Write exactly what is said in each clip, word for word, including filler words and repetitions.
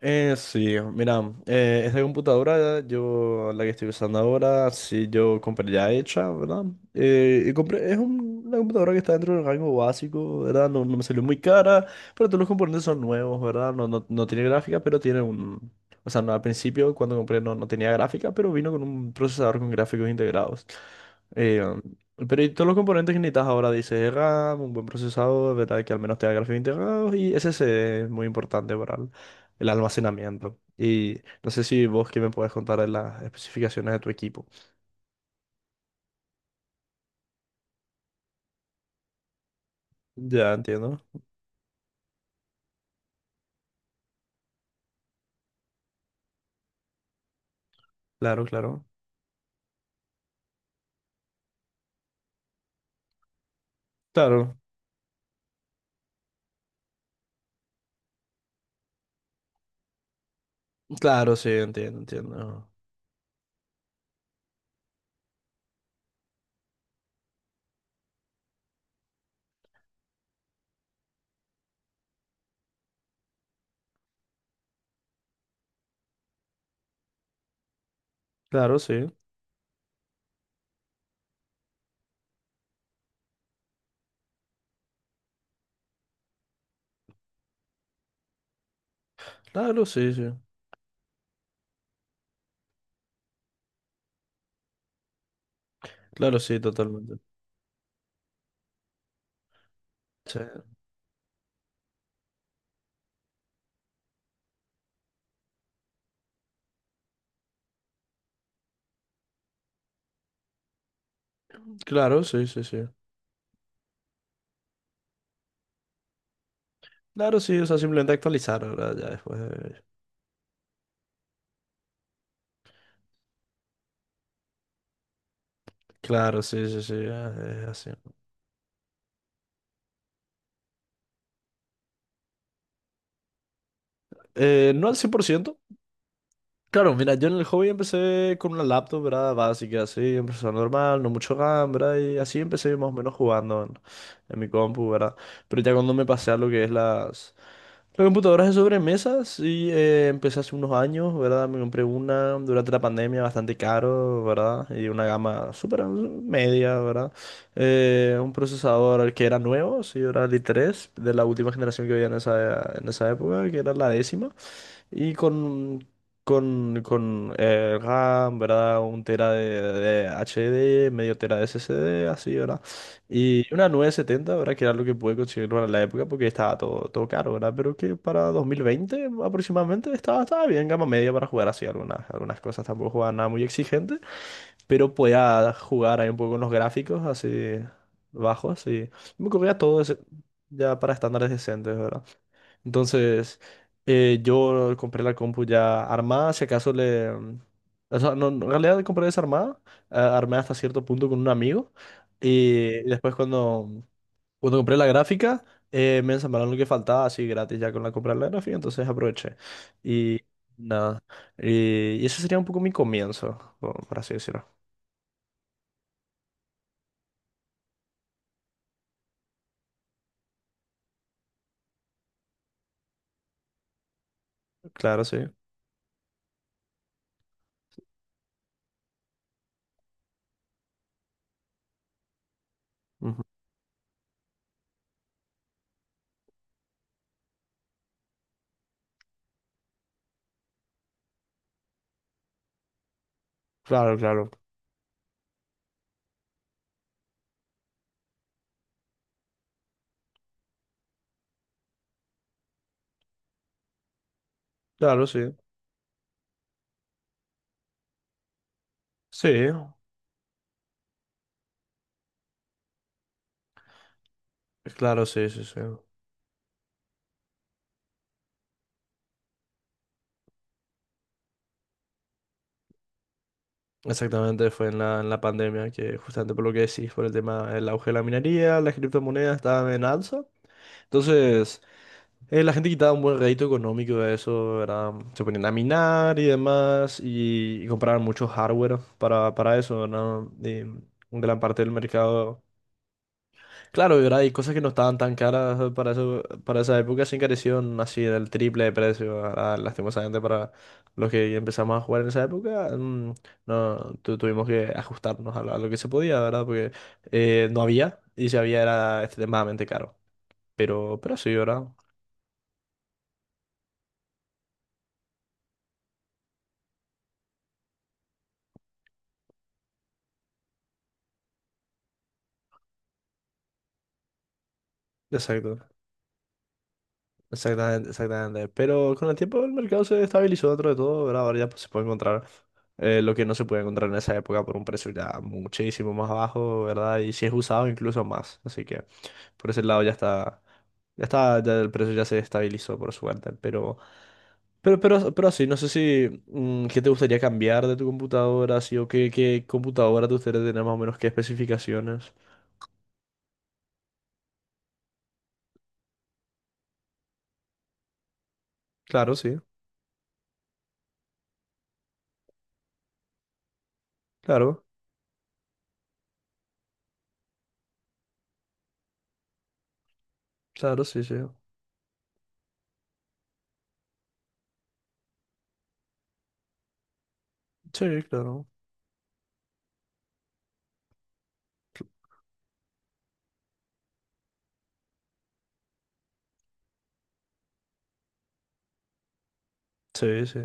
Eh, sí, mira, eh, esta computadora, yo la que estoy usando ahora, sí, yo compré ya hecha, ¿verdad? Eh, y compré, es un- una computadora que está dentro del rango básico, ¿verdad? No, no me salió muy cara, pero todos los componentes son nuevos, ¿verdad? No, no, no tiene gráfica, pero tiene un... O sea, no, al principio cuando compré no, no tenía gráfica, pero vino con un procesador con gráficos integrados. Eh, pero y todos los componentes que necesitas ahora, dice RAM, un buen procesador, ¿verdad? Que al menos tenga gráficos integrados y S S D es muy importante para el almacenamiento. Y no sé si vos que me puedes contar de las especificaciones de tu equipo. Ya entiendo. Claro, claro. Claro, claro, sí, entiendo, entiendo. Claro, sí. Claro, sí, sí. Claro, sí, totalmente. Sí. Claro, sí, sí, sí. Claro, sí, o sea, simplemente actualizar ahora ya después. De- Claro, sí, sí, sí, ya es así. Eh, no al cien por ciento. Claro, mira, yo en el hobby empecé con una laptop, ¿verdad? Básica, así, empezó normal, no mucho RAM, ¿verdad? Y así empecé más o menos jugando en, en mi compu, ¿verdad? Pero ya cuando me pasé a lo que es las, las computadoras de sobremesas y eh, empecé hace unos años, ¿verdad? Me compré una durante la pandemia, bastante caro, ¿verdad? Y una gama súper media, ¿verdad? Eh, un procesador que era nuevo, sí, era el i tres de la última generación que había en esa, en esa época, que era la décima. Y con, con, con eh, RAM, ¿verdad? Un tera de, de H D, medio tera de S S D, así, ¿verdad? Y una nueve setenta, ¿verdad? Que era lo que pude conseguir para la época porque estaba todo, todo caro, ¿verdad? Pero que para dos mil veinte aproximadamente estaba, estaba bien, gama media para jugar así algunas, algunas cosas. Tampoco jugaba nada muy exigente, pero podía jugar ahí un poco con los gráficos así bajos y me corría todo ese- ya para estándares decentes, ¿verdad? Entonces, eh, yo compré la compu ya armada, si acaso le... mm, O sea, no, no, en realidad compré desarmada, armada armé hasta cierto punto con un amigo. Y después cuando, mm, cuando compré la gráfica, eh, me ensamblaron lo que faltaba así gratis ya con la compra de la gráfica, entonces aproveché. Y nada, y, y ese sería un poco mi comienzo, por por así decirlo. Claro, sí. Ujú. Claro, claro. Claro, sí. Sí, claro, sí, sí, sí. Exactamente, fue en la, en la pandemia que justamente por lo que decís, por el tema del auge de la minería, las criptomonedas estaban en alza. Entonces, eh, la gente quitaba un buen rédito económico de eso, ¿verdad? Se ponían a minar y demás y, y compraban mucho hardware para, para eso, ¿verdad? Y gran parte del mercado. Claro, y ahora hay cosas que no estaban tan caras eh, para eso, para esa época, se encarecieron así del triple de precio. Ahora, lastimosamente para los que empezamos a jugar en esa época, mm, no tu- tuvimos que ajustarnos a lo, a lo que se podía, ¿verdad? Porque eh, no había, y si había era extremadamente caro. Pero, pero sí, ¿verdad? Exacto. Exactamente, exactamente. Pero con el tiempo el mercado se estabilizó dentro de todo, ¿verdad? Ahora ya pues, se puede encontrar eh, lo que no se puede encontrar en esa época por un precio ya muchísimo más bajo, ¿verdad? Y si es usado incluso más. Así que por ese lado ya está, ya está, ya el precio ya se estabilizó por suerte. Pero, pero, pero, pero así, no sé si mm, qué te gustaría cambiar de tu computadora, así, o qué, qué computadora te gustaría tener más o menos qué especificaciones. Claro, sí, claro, claro, sí, sí. Sí, claro. Sí, sí.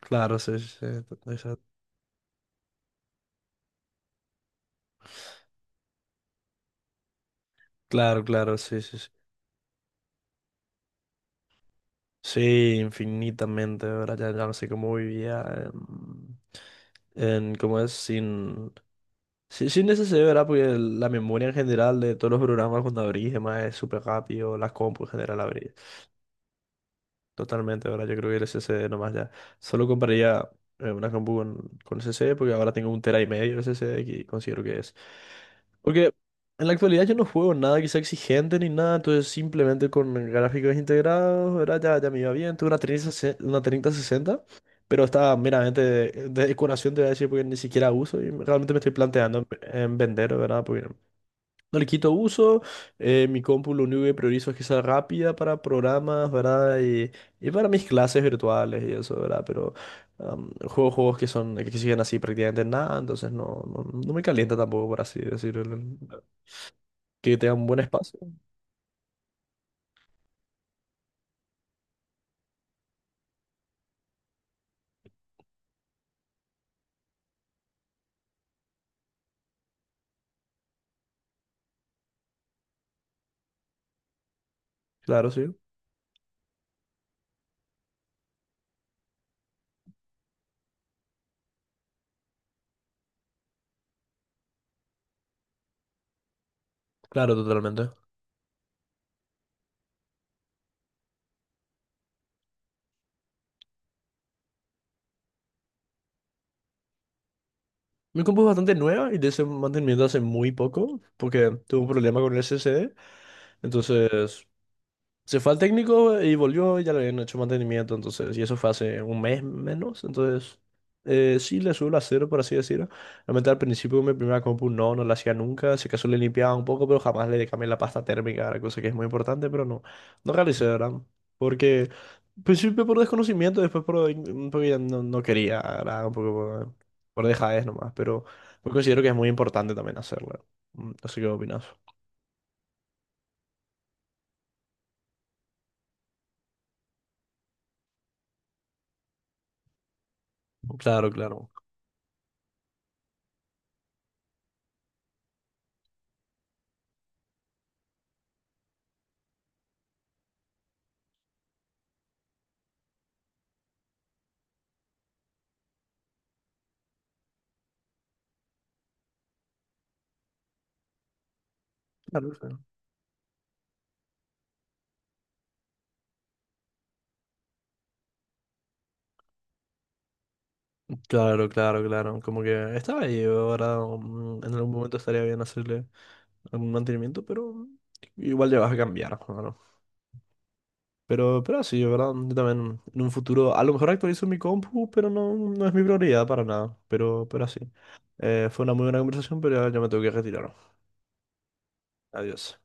Claro, sí, sí, sí, esa- Claro, claro, sí, sí, sí. Sí, infinitamente, ¿verdad? Ya, ya no sé cómo vivía en, en cómo es, sin, sin, sin S S D, ¿verdad? Porque el- la memoria en general de todos los programas cuando abrís, demás, es súper rápido, las compu en general abrís. Totalmente, ¿verdad? Yo creo que el S S D nomás ya. Solo compraría eh, una compu con, con S S D porque ahora tengo un tera y medio de S S D que considero que es. Porque en la actualidad yo no juego nada que sea exigente ni nada, entonces simplemente con gráficos integrados, ¿verdad? Ya, ya me iba bien. Tuve una treinta sesenta, una treinta sesenta, pero estaba meramente de, de decoración, te voy a decir, porque ni siquiera uso y realmente me estoy planteando en en vender, ¿verdad? Porque no le quito uso, eh, mi compu lo único que priorizo es que sea rápida para programas, ¿verdad? Y, y para mis clases virtuales y eso, ¿verdad? Pero am, juego juegos que son que exigen así prácticamente nada, entonces no, no, no me calienta tampoco, por así decirlo, que tenga un buen espacio. Claro, sí. Claro, totalmente. Mi compu es bastante nueva y de ese mantenimiento hace muy poco porque tuve un problema con el S S D. Entonces, se fue al técnico y volvió y ya le habían hecho mantenimiento, entonces, y eso fue hace un mes menos, entonces, eh, sí le suelo hacer, por así decirlo. Realmente al principio con mi primera compu no, no la hacía nunca, si acaso le limpiaba un poco, pero jamás le cambié la pasta térmica, la cosa que es muy importante, pero no, no realicé, ¿verdad? Porque, al principio por desconocimiento, después por, in- porque ya no, no quería, ¿verdad? Un poco por, por dejadez nomás, pero pues considero que es muy importante también hacerlo. Mm, No sé qué opinas. Claro, claro. Claro, sí. Claro, claro, claro. Como que estaba ahí, ahora mm, en algún momento estaría bien hacerle algún mantenimiento, pero mm, igual ya vas a cambiar, claro. Pero, pero sí, ¿verdad? Yo también en un futuro, a lo mejor actualizo mi compu, pero no, no es mi prioridad para nada. Pero, pero así. Eh, fue una muy buena conversación, pero ya, ya me tengo que retirar. Adiós.